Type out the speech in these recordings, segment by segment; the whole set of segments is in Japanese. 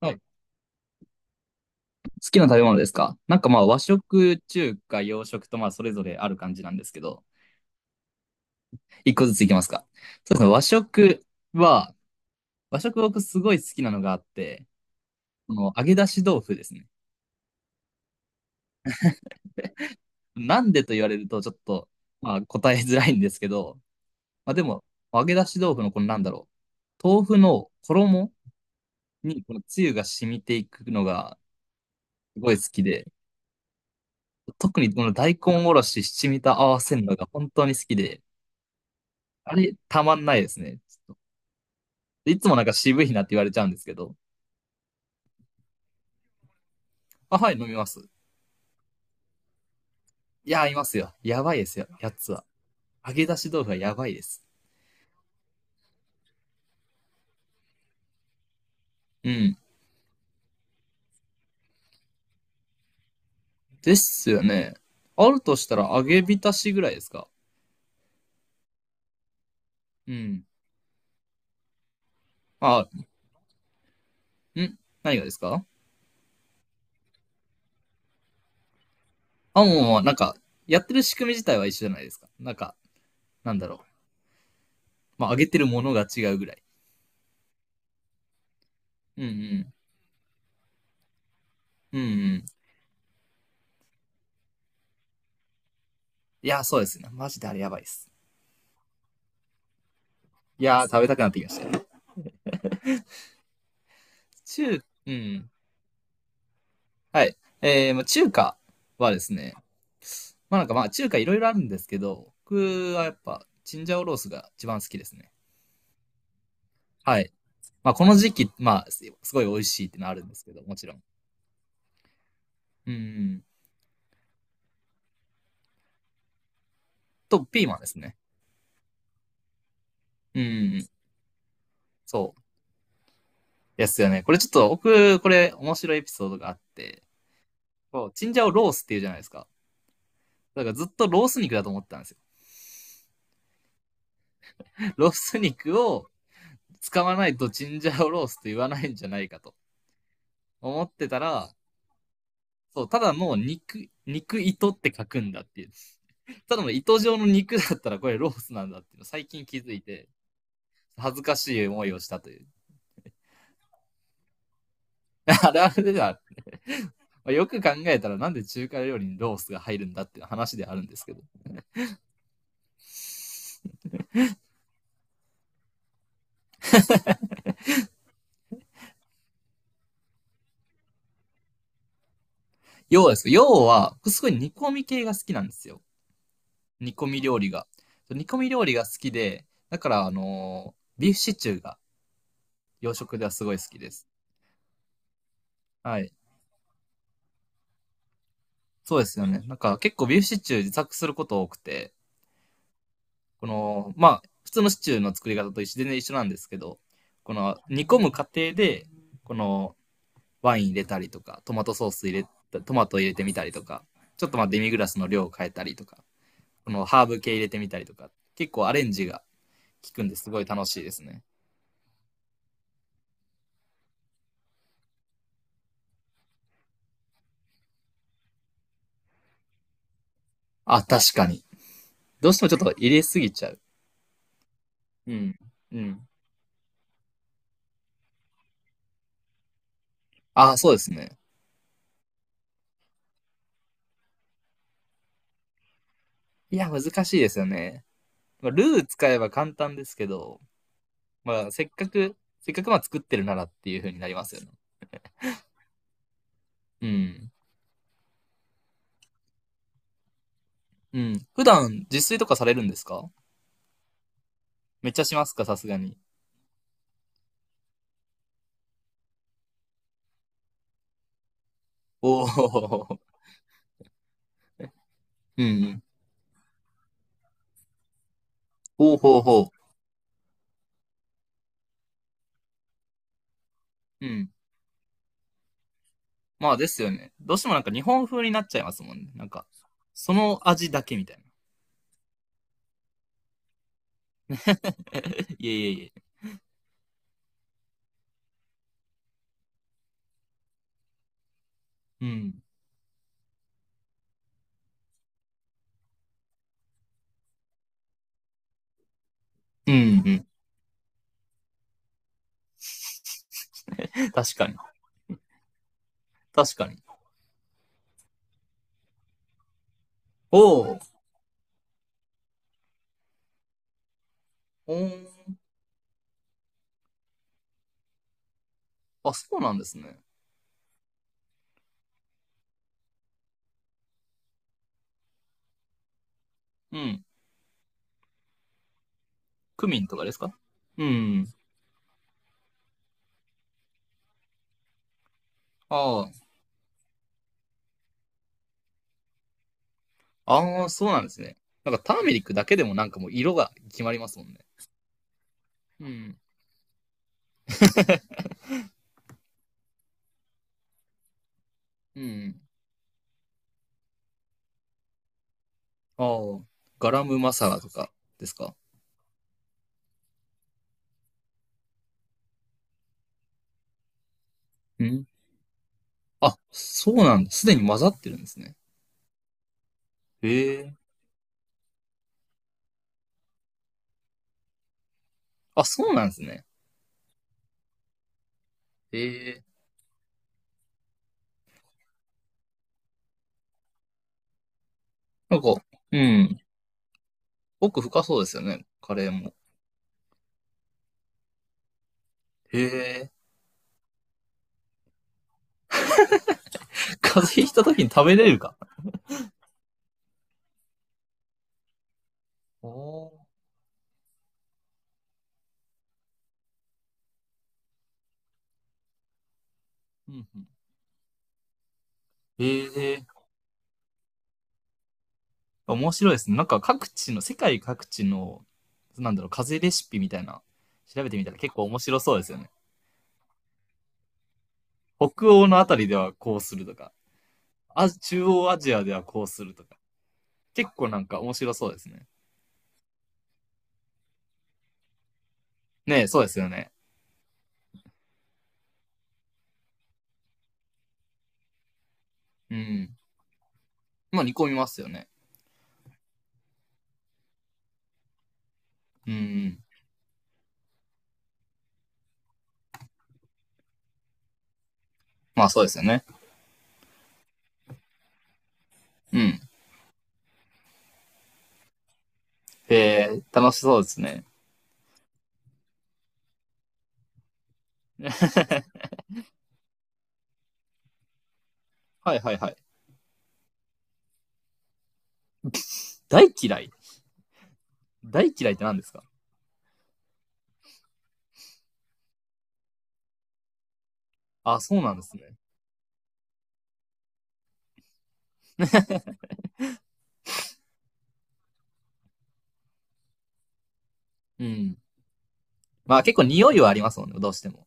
はい。好きな食べ物ですか。なんかまあ和食、中華、洋食とまあそれぞれある感じなんですけど、一個ずついきますか。そうですね、和食は、和食僕すごい好きなのがあって、この揚げ出し豆腐ですね。なんでと言われるとちょっとまあ答えづらいんですけど、まあでも揚げ出し豆腐のこのなんだろう、豆腐の衣にこのつゆが染みていくのがすごい好きで、特にこの大根おろし、七味と合わせるのが本当に好きで、あれたまんないですね。いつもなんか渋いなって言われちゃうんですけど、あ、はい、飲みます。いや、いますよ。やばいですよ、やつは。揚げ出し豆腐はやばいです。うん。ですよね。あるとしたら揚げ浸しぐらいですか？うん。あ、ん何がですか？あ、もうもう、なんか、やってる仕組み自体は一緒じゃないですか。なんか、なんだろう。まあ、揚げてるものが違うぐらい。うんうん。うんうん。いや、そうですね。マジであれやばいです。いやー、食べたくなってきました。中、うん。はい。まあ中華はですね、まあなんかまあ中華いろいろあるんですけど、僕はやっぱチンジャオロースが一番好きですね。はい。まあこの時期、まあすごい美味しいってのはあるんですけど、もちろん。うん。と、ピーマンですね。うん。そう。ですよね。これちょっと僕、これ面白いエピソードがあって、こう、チンジャオロースっていうじゃないですか。だからずっとロース肉だと思ってたんですよ。ロース肉を使わないとチンジャオロースと言わないんじゃないかと思ってたら、そう、ただもう肉、肉糸って書くんだっていう。ただの糸状の肉だったらこれロースなんだっていうの最近気づいて、恥ずかしい思いをしたという。あれあれでは、よく考えたらなんで中華料理にロースが入るんだっていう話であるんですけど。要です。要は、すごい煮込み系が好きなんですよ。煮込み料理が。煮込み料理が好きで、だからビーフシチューが洋食ではすごい好きです。はい。そうですよね。なんか結構ビーフシチュー自作すること多くて、この、まあ、普通のシチューの作り方と一緒全然一緒なんですけど、この煮込む過程で、このワイン入れたりとか、トマトソース入れた、トマト入れてみたりとか、ちょっとまあデミグラスの量を変えたりとか、このハーブ系入れてみたりとか、結構アレンジが効くんですごい楽しいですね。あ、確かに。どうしてもちょっと入れすぎちゃう。うん。うん。あ、そうですね。いや、難しいですよね。まあルー使えば簡単ですけど、まあ、せっかくまあ作ってるならっていう風になりますよね。うん。うん。普段、自炊とかされるんですか？めっちゃしますか、さすがに。おお。うんうん。ほうほうほう。うん。まあですよね。どうしてもなんか日本風になっちゃいますもんね。なんか、その味だけみたいな。いえいえいえ。うん。うんうん。確かに。確かに。おお。おー、あ、そうなんですね。うん。クミンとかですか？うん。ああ。ああ、そうなんですね。なんかターメリックだけでもなんかもう色が決まりますもんね。うん。うん。ああ、ガラムマサラとかですか？うん。あ、そうなんだ。すでに混ざってるんですね。へえ。あ、そうなんですね。へえ。なんか、うん。奥深そうですよね。カレーも。へえ。風邪ひいた時に食べれるか。おー。うんうん。へえ。面白いですね。なんか各地の、世界各地の、なんだろう、風邪レシピみたいな、調べてみたら結構面白そうですよね。北欧のあたりではこうするとか、あ、中央アジアではこうするとか。結構なんか面白そうですね。ねえ、そうですよね。うん。まあ煮込みますよね。うん。まあそうですよね。うん。えー、楽しそうですね。はいはいはい。大嫌い大嫌いって何ですか？あ、そうなんですね。うん。まあ結構匂いはありますもんね、どうしても。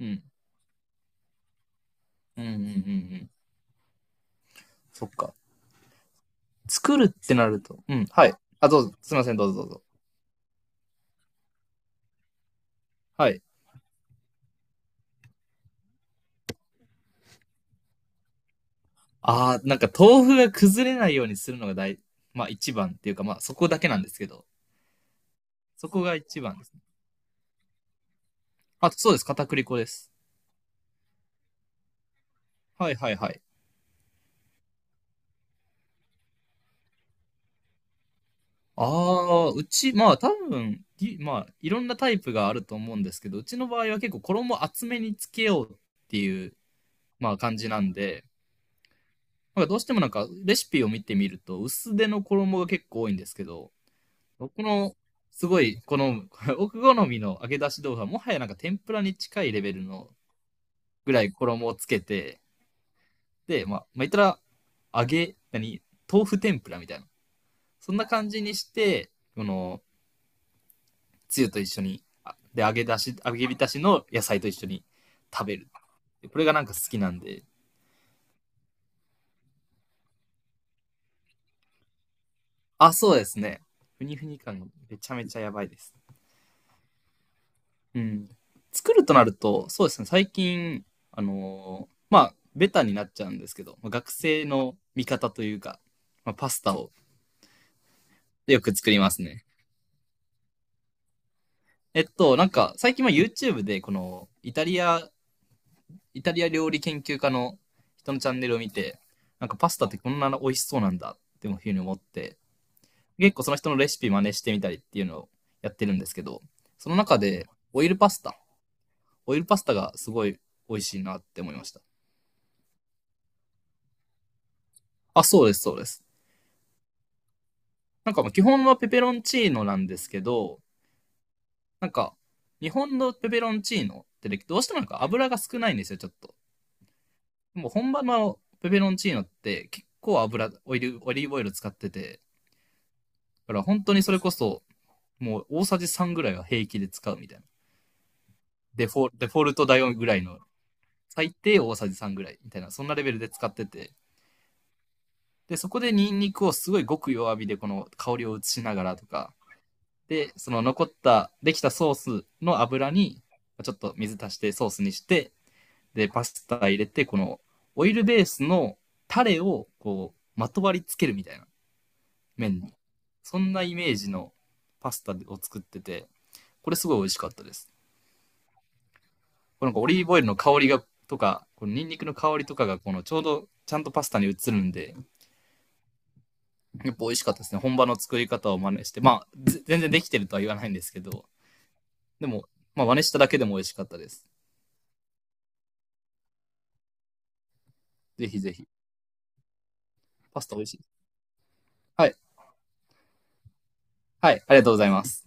うん。うんうんうんうん。そっか。作るってなると。うん。はい。あ、どうぞ。すいません、どうぞどうぞ。はい。あー、なんか豆腐が崩れないようにするのが大、まあ一番っていうか、まあそこだけなんですけど、そこが一番ですね。あ、そうです。片栗粉です。はいはいはい。ああ、うち、まあ多分、まあいろんなタイプがあると思うんですけど、うちの場合は結構衣厚めにつけようっていう、まあ感じなんで、なんかどうしてもなんかレシピを見てみると薄手の衣が結構多いんですけど、僕のすごいこの 奥好みの揚げ出し豆腐はもはやなんか天ぷらに近いレベルのぐらい衣をつけて、で、まあ、まあ、言ったら揚げ、何豆腐天ぷらみたいな。そんな感じにして、この、つゆと一緒に、で、揚げ出し、揚げ浸しの野菜と一緒に食べる。これがなんか好きなんで。あ、そうですね。ふにふに感がめちゃめちゃやばいです。うん。作るとなると、そうですね、最近、まあ、ベタになっちゃうんですけど、学生の味方というか、まあ、パスタをよく作りますね。なんか、最近は YouTube で、この、イタリア料理研究家の人のチャンネルを見て、なんかパスタってこんな美味しそうなんだっていうふうに思って、結構その人のレシピ真似してみたりっていうのをやってるんですけど、その中でオイルパスタ、オイルパスタがすごい美味しいなって思いました。あ、そうです、そうです。なんか基本はペペロンチーノなんですけど、なんか日本のペペロンチーノってねどうしてもなんか油が少ないんですよ、ちょっと。もう本場のペペロンチーノって結構油、オイル、オリーブオイル使ってて、だから本当にそれこそもう大さじ3ぐらいは平気で使うみたいな。デフォルト代ぐらいの最低大さじ3ぐらいみたいな、そんなレベルで使ってて、で、そこでニンニクをすごいごく弱火でこの香りを移しながらとか、で、その残った、できたソースの油に、ちょっと水足してソースにして、で、パスタ入れて、このオイルベースのタレをこう、まとわりつけるみたいな、麺に。そんなイメージのパスタを作ってて、これすごい美味しかったです。これなんかオリーブオイルの香りが、とか、このニンニクの香りとかが、このちょうどちゃんとパスタに移るんで、やっぱ美味しかったですね。本場の作り方を真似して。まあ、全然できてるとは言わないんですけど、でも、まあ真似しただけでも美味しかったです。ぜひぜひ。パスタ美味しい。はい。はい。ありがとうございます。